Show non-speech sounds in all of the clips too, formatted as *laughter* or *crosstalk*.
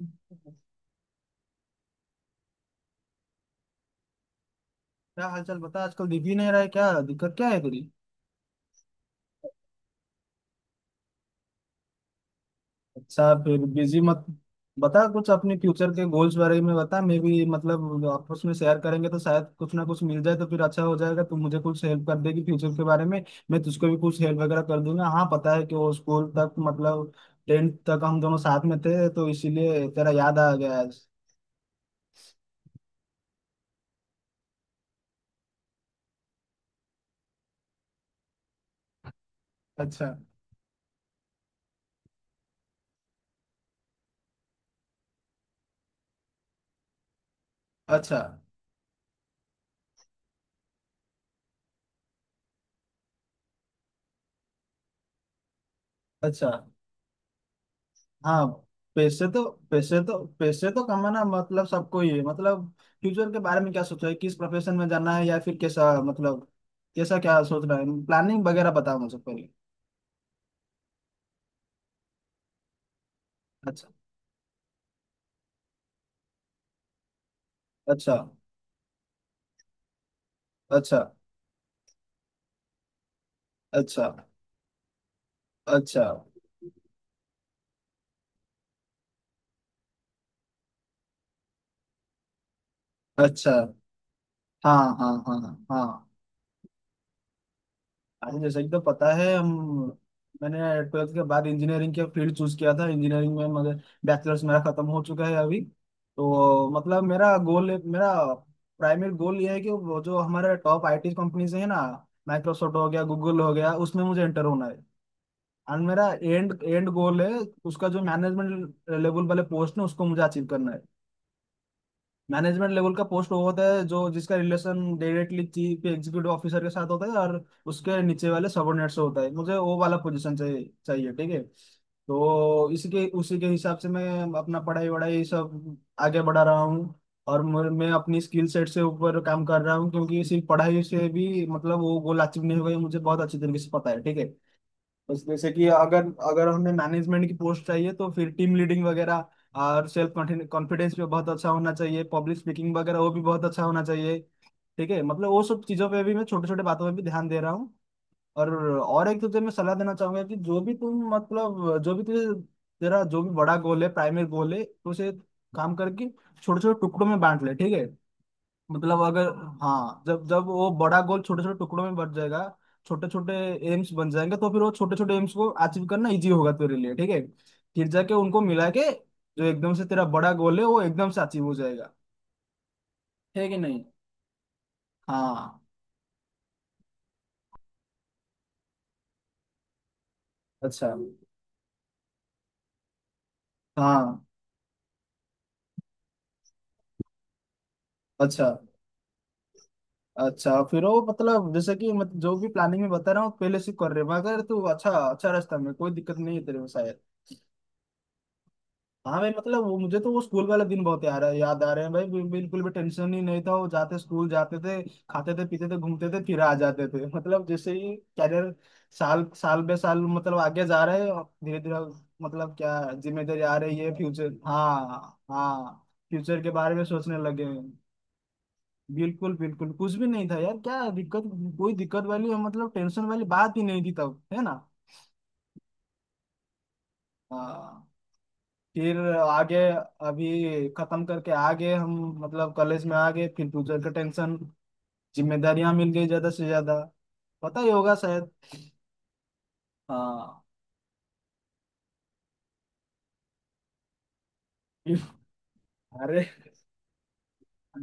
क्या हालचाल बता। आजकल दिख ही नहीं रहा है, क्या दिक्कत क्या है तेरी। अच्छा, फिर बिजी मत, बता कुछ अपने फ्यूचर के गोल्स बारे में बता। मैं भी मतलब आपस में शेयर करेंगे तो शायद कुछ ना कुछ मिल जाए तो फिर अच्छा हो जाएगा। तू मुझे कुछ हेल्प कर देगी फ्यूचर के बारे में, मैं तुझको भी कुछ हेल्प वगैरह कर दूंगा। हाँ, पता है कि वो स्कूल तक मतलब 10th तक हम दोनों साथ में थे, तो इसीलिए तेरा याद आ गया आज। अच्छा। अच्छा। अच्छा। हाँ। पैसे तो पैसे तो कमाना मतलब सबको ही है। मतलब फ्यूचर के बारे में क्या सोचा है, किस प्रोफेशन में जाना है या फिर कैसा, मतलब कैसा क्या सोच रहा है, प्लानिंग वगैरह बताओ मुझे पहले। अच्छा। अच्छा। अच्छा। अच्छा। अच्छा। अच्छा। हाँ, हाँ, हाँ। हाँ, हाँ, जैसे कि तो पता है हम, मैंने 12th के बाद इंजीनियरिंग के फील्ड चूज किया था, इंजीनियरिंग में। मगर बैचलर्स मेरा खत्म हो चुका है अभी, तो मतलब मेरा गोल, मेरा प्राइमरी गोल ये है कि वो जो हमारे टॉप आईटी कंपनीज है ना, माइक्रोसॉफ्ट हो गया, गूगल हो गया, उसमें मुझे एंटर होना है। और मेरा एंड एंड गोल है उसका, जो मैनेजमेंट लेवल वाले पोस्ट है उसको मुझे अचीव करना है। मैनेजमेंट लेवल का पोस्ट वो होता है जो जिसका relation directly chief executive officer के साथ होता है और उसके नीचे वाले सबॉर्डिनेट से होता है। मुझे वो वाला पोजीशन चाहिए चाहिए। ठीक है, तो इसी के उसी के हिसाब से मैं अपना पढ़ाई वढ़ाई सब आगे बढ़ा रहा हूँ। और मैं अपनी स्किल सेट से ऊपर काम कर रहा हूँ, क्योंकि सिर्फ पढ़ाई से भी मतलब वो गोल अचीव नहीं होगा, ये मुझे बहुत अच्छी तरीके से पता है। ठीक है, बस जैसे कि अगर अगर हमें मैनेजमेंट की पोस्ट चाहिए तो फिर टीम लीडिंग वगैरह और सेल्फ कॉन्फिडेंस पे बहुत अच्छा होना चाहिए, पब्लिक स्पीकिंग वगैरह वो भी बहुत अच्छा होना चाहिए। ठीक है, मतलब वो सब चीज़ों पे भी, मैं छोटे छोटे बातों पे भी ध्यान दे रहा हूँ। और और एक तुझे मैं सलाह देना चाहूंगा कि जो भी तुम मतलब जो भी तुझे, तेरा जो भी बड़ा गोल है, प्राइमरी गोल है, तो उसे काम करके छोटे छोटे टुकड़ों में बांट ले। ठीक है, मतलब अगर, हाँ, जब जब वो बड़ा गोल छोटे छोटे टुकड़ों में बट जाएगा, छोटे छोटे एम्स बन जाएंगे, तो फिर वो छोटे छोटे एम्स को अचीव करना इजी होगा तेरे लिए। ठीक है, फिर जाके उनको मिला के जो एकदम से तेरा बड़ा गोल है वो एकदम से अचीव हो जाएगा, है कि नहीं। हाँ। अच्छा। हाँ। अच्छा। अच्छा फिर वो मतलब, जैसे कि मत, जो भी प्लानिंग में बता रहा हूँ पहले से कर रहे, मगर तू अच्छा, अच्छा रास्ता में कोई दिक्कत नहीं है तेरे को शायद। हाँ भाई, मतलब वो मुझे तो वो स्कूल वाला दिन बहुत याद याद आ रहे हैं भाई, बिल्कुल भी टेंशन ही नहीं था वो। जाते स्कूल जाते थे, खाते थे, पीते थे, घूमते थे, फिर आ जाते थे। *laughs* मतलब जैसे ही कैरियर, साल साल बे साल मतलब आगे जा रहे हैं, धीरे धीरे मतलब क्या जिम्मेदारी आ रही है, फ्यूचर, हाँ हाँ फ्यूचर के बारे में सोचने लगे हैं। बिल्कुल बिल्कुल, कुछ भी नहीं था यार, क्या दिक्कत, कोई दिक्कत वाली मतलब टेंशन वाली बात ही नहीं थी तब, है ना। हाँ, फिर आगे अभी खत्म करके आगे हम, मतलब कॉलेज में आ गए फिर फ्यूचर का टेंशन, जिम्मेदारियां मिल गई ज्यादा से ज्यादा, पता ही होगा शायद। हाँ। अरे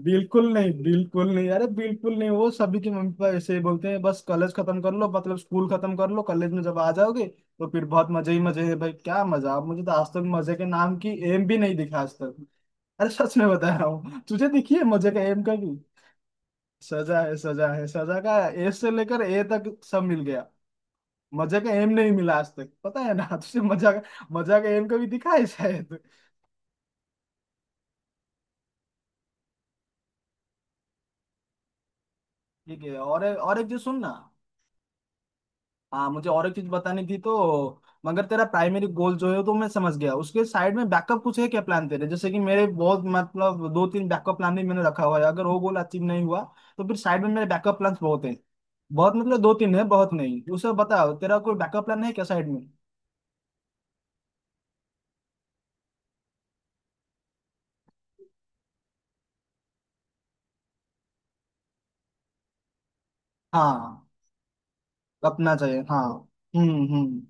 बिल्कुल नहीं, बिल्कुल नहीं, अरे बिल्कुल नहीं, वो सभी के मम्मी पापा ऐसे ही बोलते हैं, बस कॉलेज खत्म कर लो मतलब स्कूल खत्म कर लो, कॉलेज में जब आ जाओगे तो फिर बहुत मजे ही मजे है भाई, क्या मजा, मुझे तो आज तक मजे के नाम की एम भी नहीं दिखा आज तक। अरे सच में बता रहा हूँ तुझे, दिखी है मजे का एम कभी। सजा है, सजा है, सजा का ए से लेकर ए तक सब मिल गया, मजा का एम नहीं मिला आज तक, पता है ना। *laughs* तुझे मजा का, मजा का एम कभी दिखा है शायद। ठीक है, और एक चीज सुन ना। हाँ, मुझे और एक चीज बतानी थी तो, मगर तेरा प्राइमरी गोल जो है तो मैं समझ गया, उसके साइड में बैकअप कुछ है क्या प्लान तेरे, जैसे कि मेरे बहुत मतलब दो तीन बैकअप प्लान भी मैंने रखा हुआ है। अगर वो गोल अचीव नहीं हुआ तो फिर साइड में मेरे बैकअप प्लान बहुत हैं, बहुत मतलब दो तीन है, बहुत नहीं, उसे बताओ तेरा कोई बैकअप प्लान है क्या साइड में। हाँ, अपना चाहिए। हाँ। हम्म, हम्म।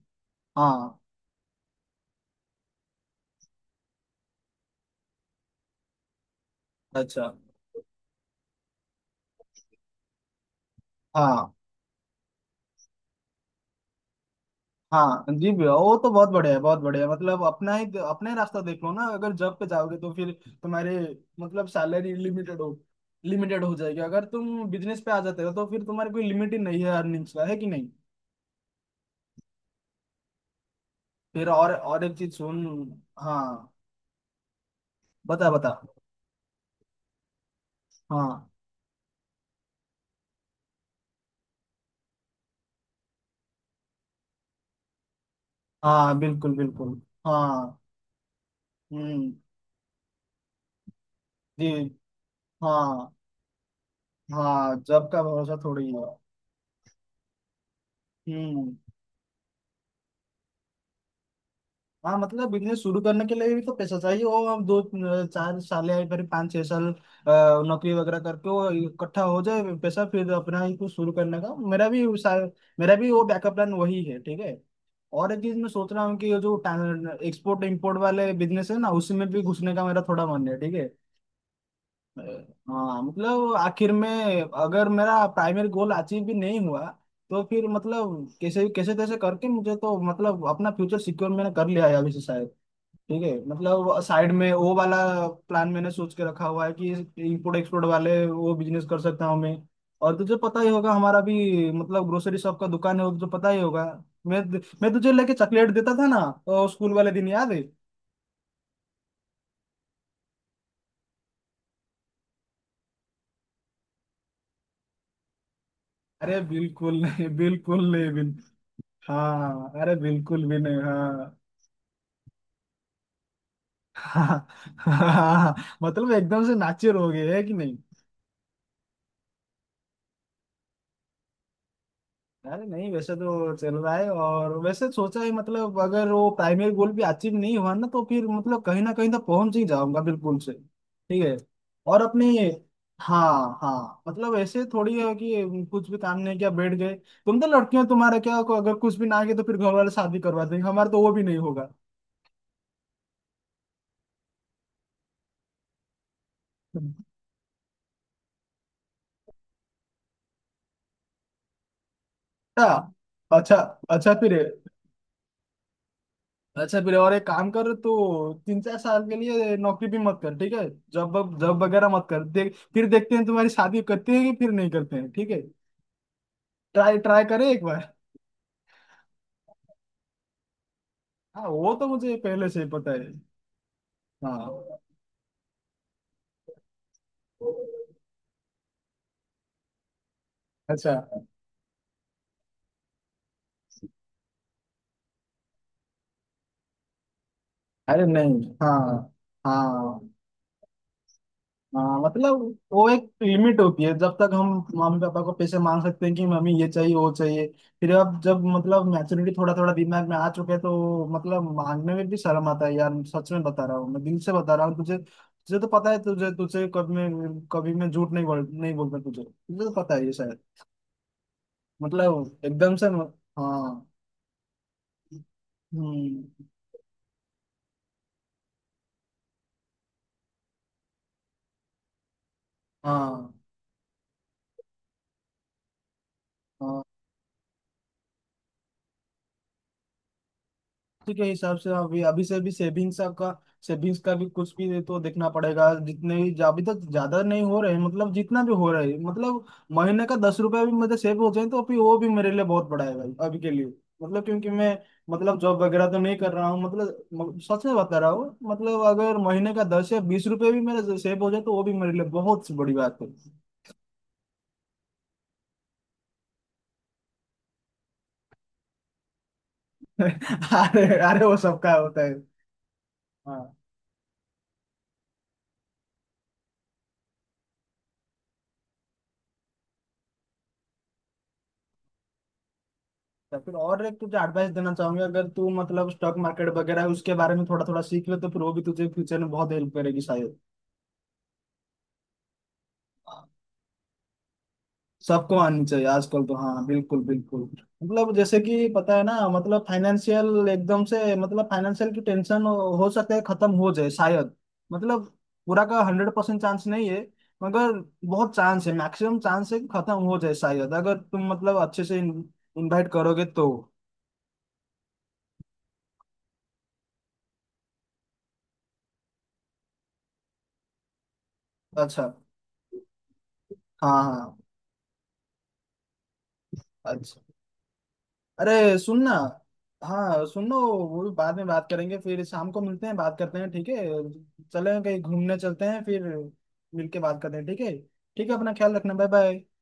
हाँ। अच्छा। हाँ। हाँ जी भैया, वो तो बहुत बढ़िया है, बहुत बढ़िया है। मतलब अपना ही रास्ता देख लो ना, अगर जॉब पे जाओगे तो फिर तुम्हारे मतलब सैलरी लिमिटेड हो जाएगी। अगर तुम बिजनेस पे आ जाते हो तो फिर तुम्हारी कोई लिमिट ही नहीं है अर्निंग्स का, है कि नहीं। फिर और एक चीज सुन। हाँ, बता बता। हाँ। हाँ बिल्कुल बिल्कुल। हाँ। हम्म। जी। हाँ। हाँ, जॉब का भरोसा थोड़ी है। हम्म। हाँ, मतलब बिजनेस शुरू करने के लिए भी तो पैसा चाहिए, वो हम दो चार साल या फिर पाँच छह साल नौकरी वगैरह करके वो इकट्ठा हो जाए पैसा, फिर अपना ही कुछ शुरू करने का, मेरा भी वो बैकअप प्लान वही है। ठीक है, और एक चीज मैं सोच रहा हूँ कि ये जो एक्सपोर्ट इम्पोर्ट वाले बिजनेस है ना उसमें भी घुसने का मेरा थोड़ा मन है। ठीक है, अ, हाँ मतलब आखिर में अगर मेरा प्राइमरी गोल अचीव भी नहीं हुआ, तो फिर मतलब कैसे कैसे तैसे करके मुझे तो मतलब अपना फ्यूचर सिक्योर मैंने कर लिया है अभी से शायद। ठीक है, मतलब साइड में वो वाला प्लान मैंने सोच के रखा हुआ है कि इंपोर्ट एक्सपोर्ट वाले वो बिजनेस कर सकता हूँ मैं। और तुझे पता ही होगा, हमारा भी मतलब ग्रोसरी शॉप का दुकान है, वो तुझे पता ही होगा, मैं तुझे लेके चॉकलेट देता था ना, तो स्कूल वाले दिन याद है। अरे बिल्कुल नहीं, बिल्कुल नहीं, बिल हाँ अरे बिल्कुल भी नहीं, हाँ। *laughs* हाँ, हाँ, हाँ, मतलब एकदम से नाचे रहोगे है कि। अरे नहीं, वैसे तो चल रहा है और वैसे सोचा है, मतलब अगर वो प्राइमरी गोल भी अचीव नहीं हुआ ना, तो फिर मतलब कहीं ना कहीं तो पहुंच ही जाऊंगा बिल्कुल से। ठीक है, और अपने, हाँ हाँ, मतलब ऐसे थोड़ी है कि कुछ भी काम नहीं किया बैठ गए। तुम तो लड़कियां, तुम्हारा क्या, अगर कुछ भी ना किया तो फिर घर वाले शादी करवा देंगे, हमारा तो वो भी नहीं होगा। अच्छा। अच्छा। अच्छा फिर, अच्छा फिर और एक काम कर, तो तीन चार साल के लिए नौकरी भी मत कर, ठीक है, जॉब जॉब वगैरह मत कर, देख फिर देखते हैं तुम्हारी शादी करते हैं कि फिर नहीं करते हैं। ठीक है, ट्राई ट्राई करें एक बार। हाँ, वो तो मुझे पहले से ही पता है। हाँ। अच्छा। अरे नहीं, हाँ, हाँ, हाँ, मतलब वो एक लिमिट होती है जब तक हम मम्मी पापा को पैसे मांग सकते हैं कि मम्मी ये चाहिए, वो चाहिए। फिर अब जब मतलब मैच्योरिटी थोड़ा थोड़ा दिमाग में आ चुके हैं तो मतलब मांगने में भी शर्म आता है यार, सच में बता रहा हूँ मैं, दिल से बता रहा हूँ तुझे, तुझे तो पता है, तुझे तुझे कभी मैं झूठ नहीं बोलता, तुझे तुझे तो पता है ये शायद। मतलब एकदम से, हाँ। हम्म। हाँ। हाँ, उसी के हिसाब से अभी, अभी से भी सेविंग्स का भी कुछ भी तो देखना पड़ेगा, जितने भी अभी तक ज्यादा नहीं हो रहे हैं, मतलब जितना भी हो रहा है। मतलब महीने का 10 रुपया भी मेरे सेव हो जाए तो फिर वो भी मेरे लिए बहुत बड़ा है भाई अभी के लिए। मतलब क्योंकि मैं मतलब जॉब वगैरह तो नहीं कर रहा हूँ, मतलब सच में बता रहा हूँ, मतलब अगर महीने का 10 या 20 रुपये भी मेरे सेव हो जाए तो वो भी मेरे लिए बहुत बड़ी बात है। *laughs* अरे अरे, वो सबका होता है। हाँ, या फिर और एक तुझे एडवाइस देना चाहूंगा, अगर तू मतलब स्टॉक मार्केट वगैरह है, उसके बारे में थोड़ा थोड़ा सीख ले तो फिर वो भी तुझे फ्यूचर में बहुत हेल्प करेगी शायद। सबको आनी चाहिए आजकल तो, हाँ बिल्कुल बिल्कुल। मतलब जैसे कि पता है ना, मतलब फाइनेंशियल एकदम से मतलब फाइनेंशियल की टेंशन हो सकता है खत्म हो जाए शायद। मतलब पूरा का 100% चांस नहीं है, मगर बहुत चांस है, मैक्सिमम चांस है कि खत्म हो जाए शायद अगर तुम मतलब अच्छे से इन्वाइट करोगे तो। अच्छा। हाँ हाँ। अच्छा। अरे सुनना, हाँ सुन लो, वो भी बाद में बात करेंगे, फिर शाम को मिलते हैं बात करते हैं। ठीक है, चलें कहीं घूमने चलते हैं, फिर मिलके बात करते हैं। ठीक है, ठीक है अपना ख्याल रखना, बाय बाय।